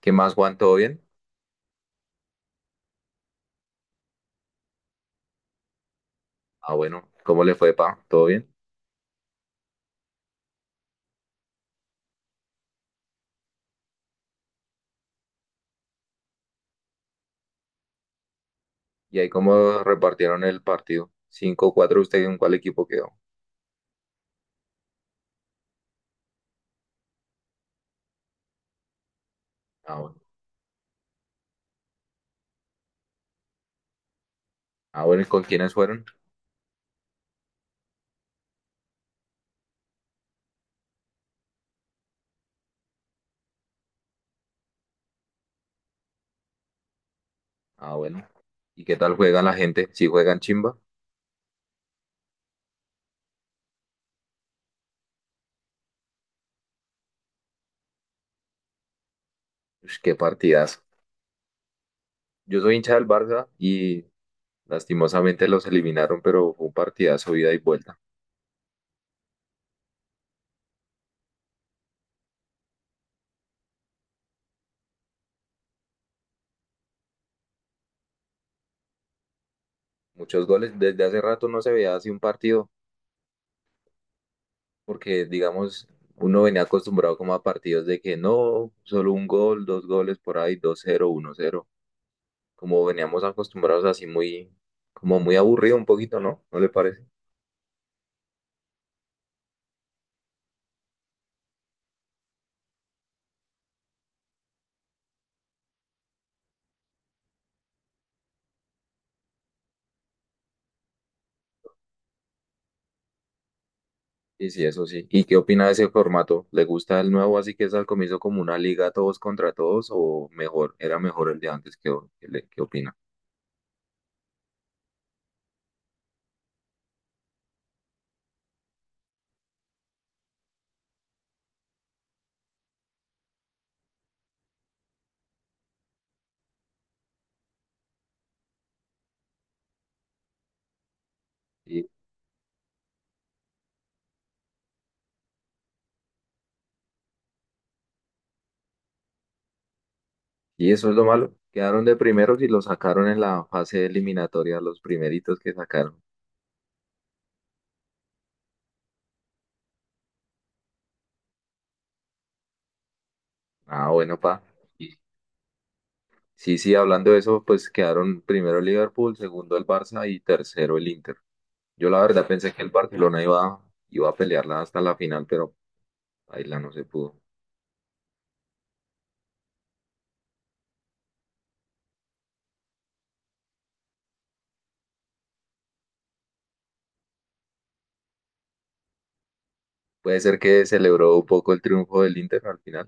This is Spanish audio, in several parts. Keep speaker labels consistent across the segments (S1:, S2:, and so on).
S1: ¿Qué más, Juan? ¿Todo bien? Ah, bueno, ¿cómo le fue, pa? ¿Todo bien? ¿Y ahí cómo repartieron el partido? Cinco cuatro. ¿Usted en cuál equipo quedó? Ah, bueno. Ah, bueno, ¿y con quiénes fueron? Ah, bueno. ¿Y qué tal juega la gente? ¿Si juegan chimba? Ush, qué partidazo. Yo soy hincha del Barça y lastimosamente los eliminaron, pero fue un partidazo ida y vuelta. Muchos goles. Desde hace rato no se veía así un partido, porque digamos, uno venía acostumbrado como a partidos de que no, solo un gol, dos goles por ahí, dos cero, uno cero. Como veníamos acostumbrados así muy, como muy aburrido un poquito, ¿no? ¿No le parece? Y sí, eso sí. ¿Y qué opina de ese formato? ¿Le gusta el nuevo así que es al comienzo como una liga todos contra todos o mejor, era mejor el de antes? ¿Qué, o- qué, le- qué opina? Y, y eso es lo malo. Quedaron de primeros y lo sacaron en la fase eliminatoria, los primeritos que sacaron. Ah, bueno, pa. Y- sí, sí, hablando de eso, pues quedaron primero el Liverpool, segundo el Barça y tercero el Inter. Yo la verdad pensé que el Barcelona iba, iba a pelearla hasta la final, pero ahí la no se pudo. Puede ser que celebró un poco el triunfo del Inter al final.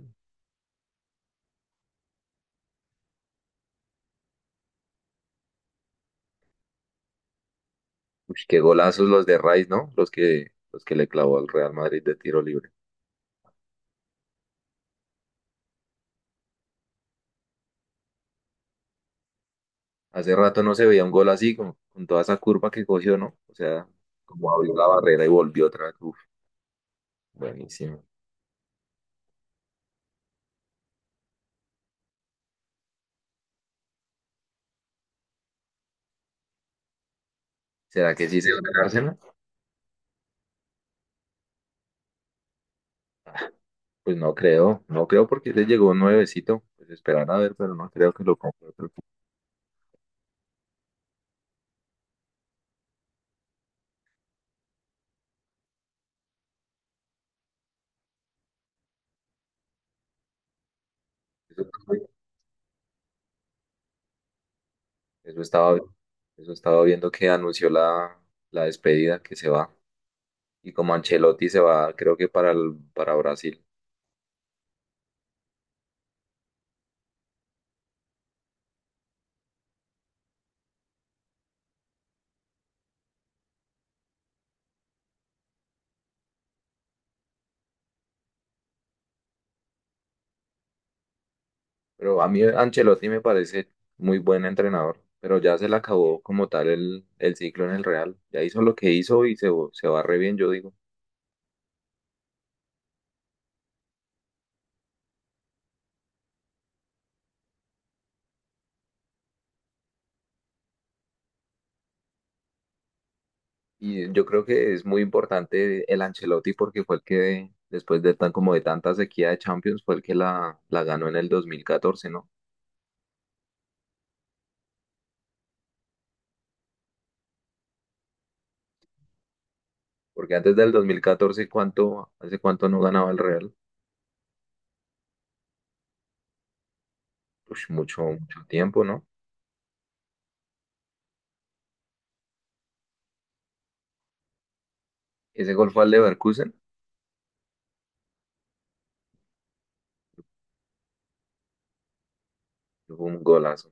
S1: Uy, qué golazos los de Rice, ¿no? Los que le clavó al Real Madrid de tiro libre. Hace rato no se veía un gol así, con toda esa curva que cogió, ¿no? O sea, como abrió la barrera y volvió otra vez. Uf, buenísimo. ¿Será que sí se va a ganar Arsenal? Ah, pues no creo, no creo porque le llegó un nuevecito. Pues esperar a ver, pero no creo que lo compre otro equipo. Eso estaba, eso estaba viendo que anunció la, la despedida que se va. Y como Ancelotti se va, creo que para, el- para Brasil. Pero a mí Ancelotti me parece muy buen entrenador. Pero ya se le acabó como tal el ciclo en el Real. Ya hizo lo que hizo y se va re bien, yo digo. Y yo creo que es muy importante el Ancelotti porque fue el que, después de tan como de tanta sequía de Champions, fue el que la ganó en el dos mil catorce, ¿no? Porque antes del 2014, ¿cuánto, hace cuánto no ganaba el Real? Ush, mucho, mucho tiempo, ¿no? Ese gol fue al Leverkusen, fue un golazo.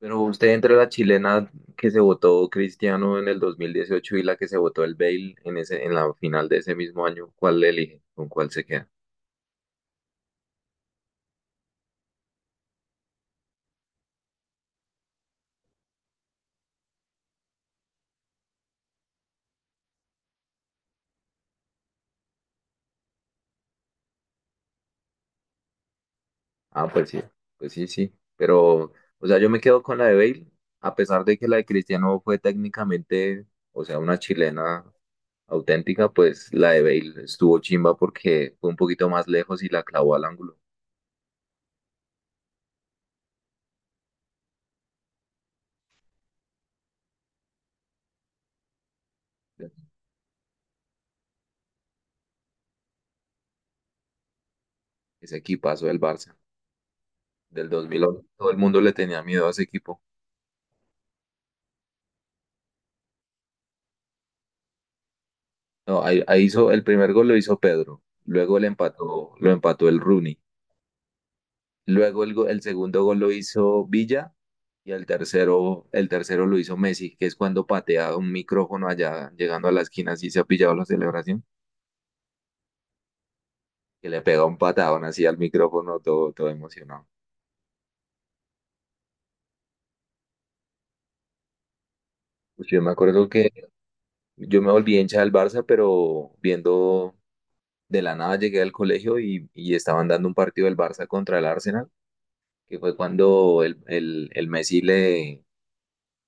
S1: Pero usted entre la chilena que se votó Cristiano en el 2018 y la que se votó el Bale en ese, en la final de ese mismo año, ¿cuál le elige? ¿Con cuál se queda? Ah, pues sí, sí. Pero, o sea, yo me quedo con la de Bale, a pesar de que la de Cristiano fue técnicamente, o sea, una chilena auténtica, pues la de Bale estuvo chimba porque fue un poquito más lejos y la clavó al ángulo. Ese equipazo del Barça. Del 2011. Todo el mundo le tenía miedo a ese equipo. No, ahí, ahí hizo el primer gol lo hizo Pedro, luego le empató, lo empató el Rooney, luego el, go- el segundo gol lo hizo Villa y el tercero lo hizo Messi, que es cuando patea un micrófono allá llegando a la esquina así se ha pillado la celebración, que le pega un patadón así al micrófono todo, todo emocionado. Pues yo me acuerdo que yo me volví hincha del Barça, pero viendo de la nada llegué al colegio y estaban dando un partido del Barça contra el Arsenal que fue cuando el Messi le,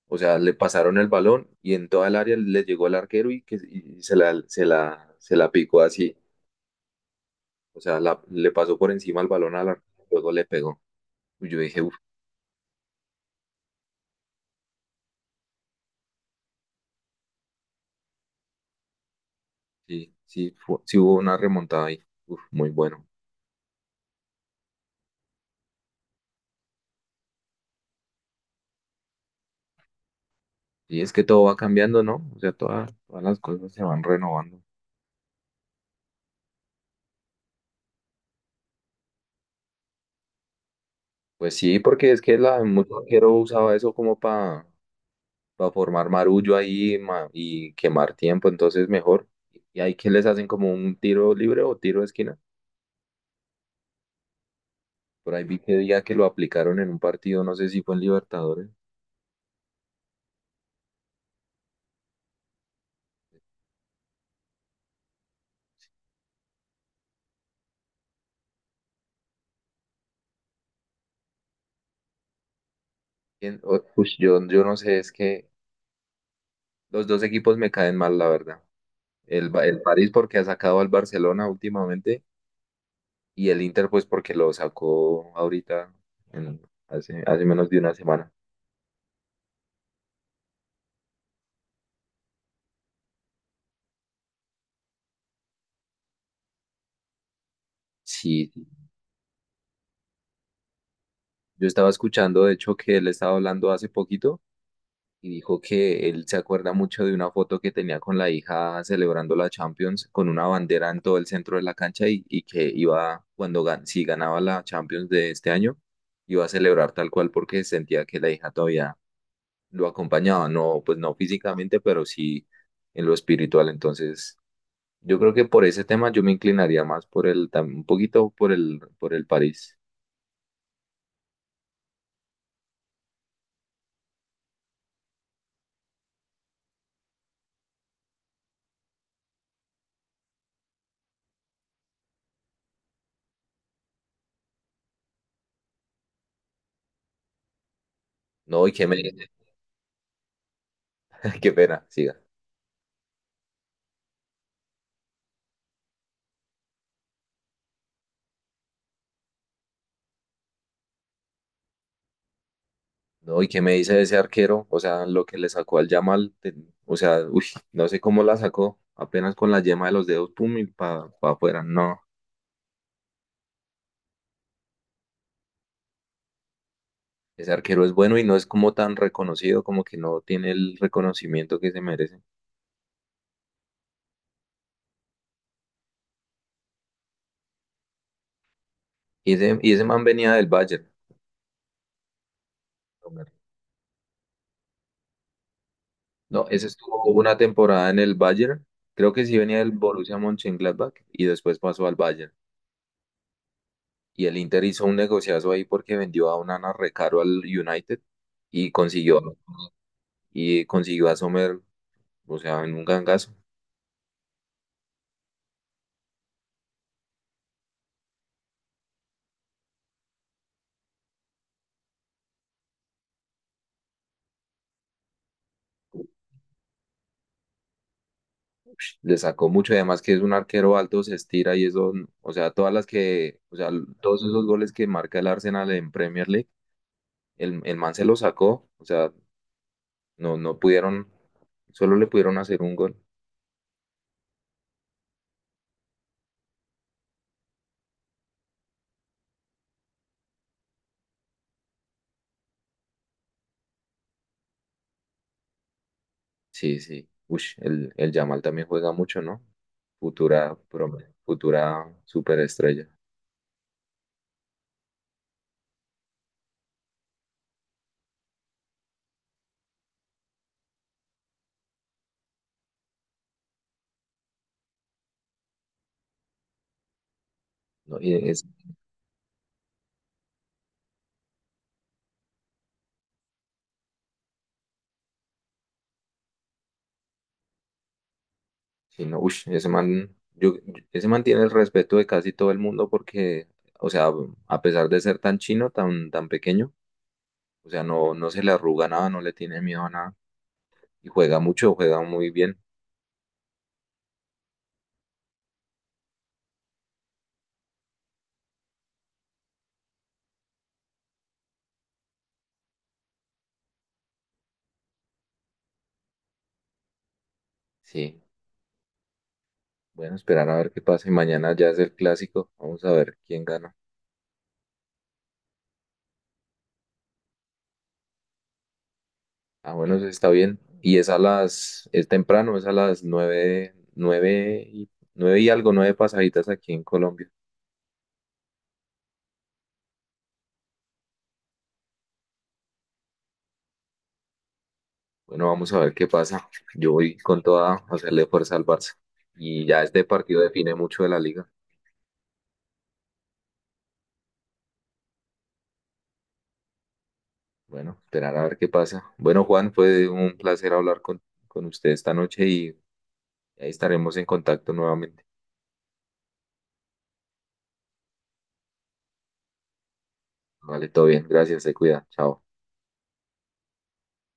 S1: o sea, le pasaron el balón y en toda el área le llegó al arquero y, que, y se la, se la, se la picó así, o sea, la- le pasó por encima el balón al arquero, luego le pegó. Y yo dije, uff, sí, sí, fu- sí hubo una remontada ahí, uff, muy bueno. Y es que todo va cambiando, ¿no? O sea, todas, todas las cosas se van renovando. Pues sí, porque es que la, mucho arquero usaba eso como para formar marullo ahí ma- y quemar tiempo, entonces mejor. Y ahí que les hacen como un tiro libre o tiro de esquina. Por ahí vi que día que lo aplicaron en un partido, no sé si fue en Libertadores. ¿Quién? O- ush, yo no sé, es que los dos equipos me caen mal, la verdad. El, Ba- el París porque ha sacado al Barcelona últimamente y el Inter pues porque lo sacó ahorita en- hace, hace menos de una semana. Sí, sí. Yo estaba escuchando de hecho que él estaba hablando hace poquito y dijo que él se acuerda mucho de una foto que tenía con la hija celebrando la Champions con una bandera en todo el centro de la cancha y que iba, cuando gan- si ganaba la Champions de este año, iba a celebrar tal cual porque sentía que la hija todavía lo acompañaba, no, pues no físicamente, pero sí en lo espiritual. Entonces, yo creo que por ese tema yo me inclinaría más por el, tam- un poquito por el París. No, y qué me, qué pena, siga. No, ¿y qué me dice de ese arquero? O sea, lo que le sacó al Yamal, te- o sea, uy, no sé cómo la sacó, apenas con la yema de los dedos, pum, y para afuera. No, ese arquero es bueno y no es como tan reconocido, como que no tiene el reconocimiento que se merece. Y ese man venía del Bayern. No, ese estuvo una temporada en el Bayern, creo que sí venía del Borussia Mönchengladbach y después pasó al Bayern. Y el Inter hizo un negociazo ahí porque vendió a Onana recaro al United y consiguió y consiguió a Sommer, o sea, en un gangazo. Ush, le sacó mucho, y además que es un arquero alto, se estira y eso, o sea, todas las que, o sea, todos esos goles que marca el Arsenal en Premier League, el man se lo sacó, o sea, no, no pudieron, solo le pudieron hacer un gol. Sí, sí. Ush, el Yamal también juega mucho, ¿no? Futura, prom- futura superestrella. ¿No? Y es, sí, no, ush, ese man, yo- ese man tiene el respeto de casi todo el mundo porque, o sea, a pesar de ser tan chino, tan, tan pequeño, o sea, no, no se le arruga nada, no le tiene miedo a nada. Y juega mucho, juega muy bien. Sí, bueno, esperar a ver qué pasa. Y mañana ya es el clásico. Vamos a ver quién gana. Ah, bueno, eso está bien. Y es a las, es temprano, es a las nueve, nueve y, nueve y algo, nueve pasaditas aquí en Colombia. Bueno, vamos a ver qué pasa. Yo voy con toda a hacerle fuerza al Barça. Y ya este partido define mucho de la liga. Bueno, esperar a ver qué pasa. Bueno, Juan, fue un placer hablar con usted esta noche y ahí estaremos en contacto nuevamente. Vale, todo bien. Gracias, se cuida. Chao.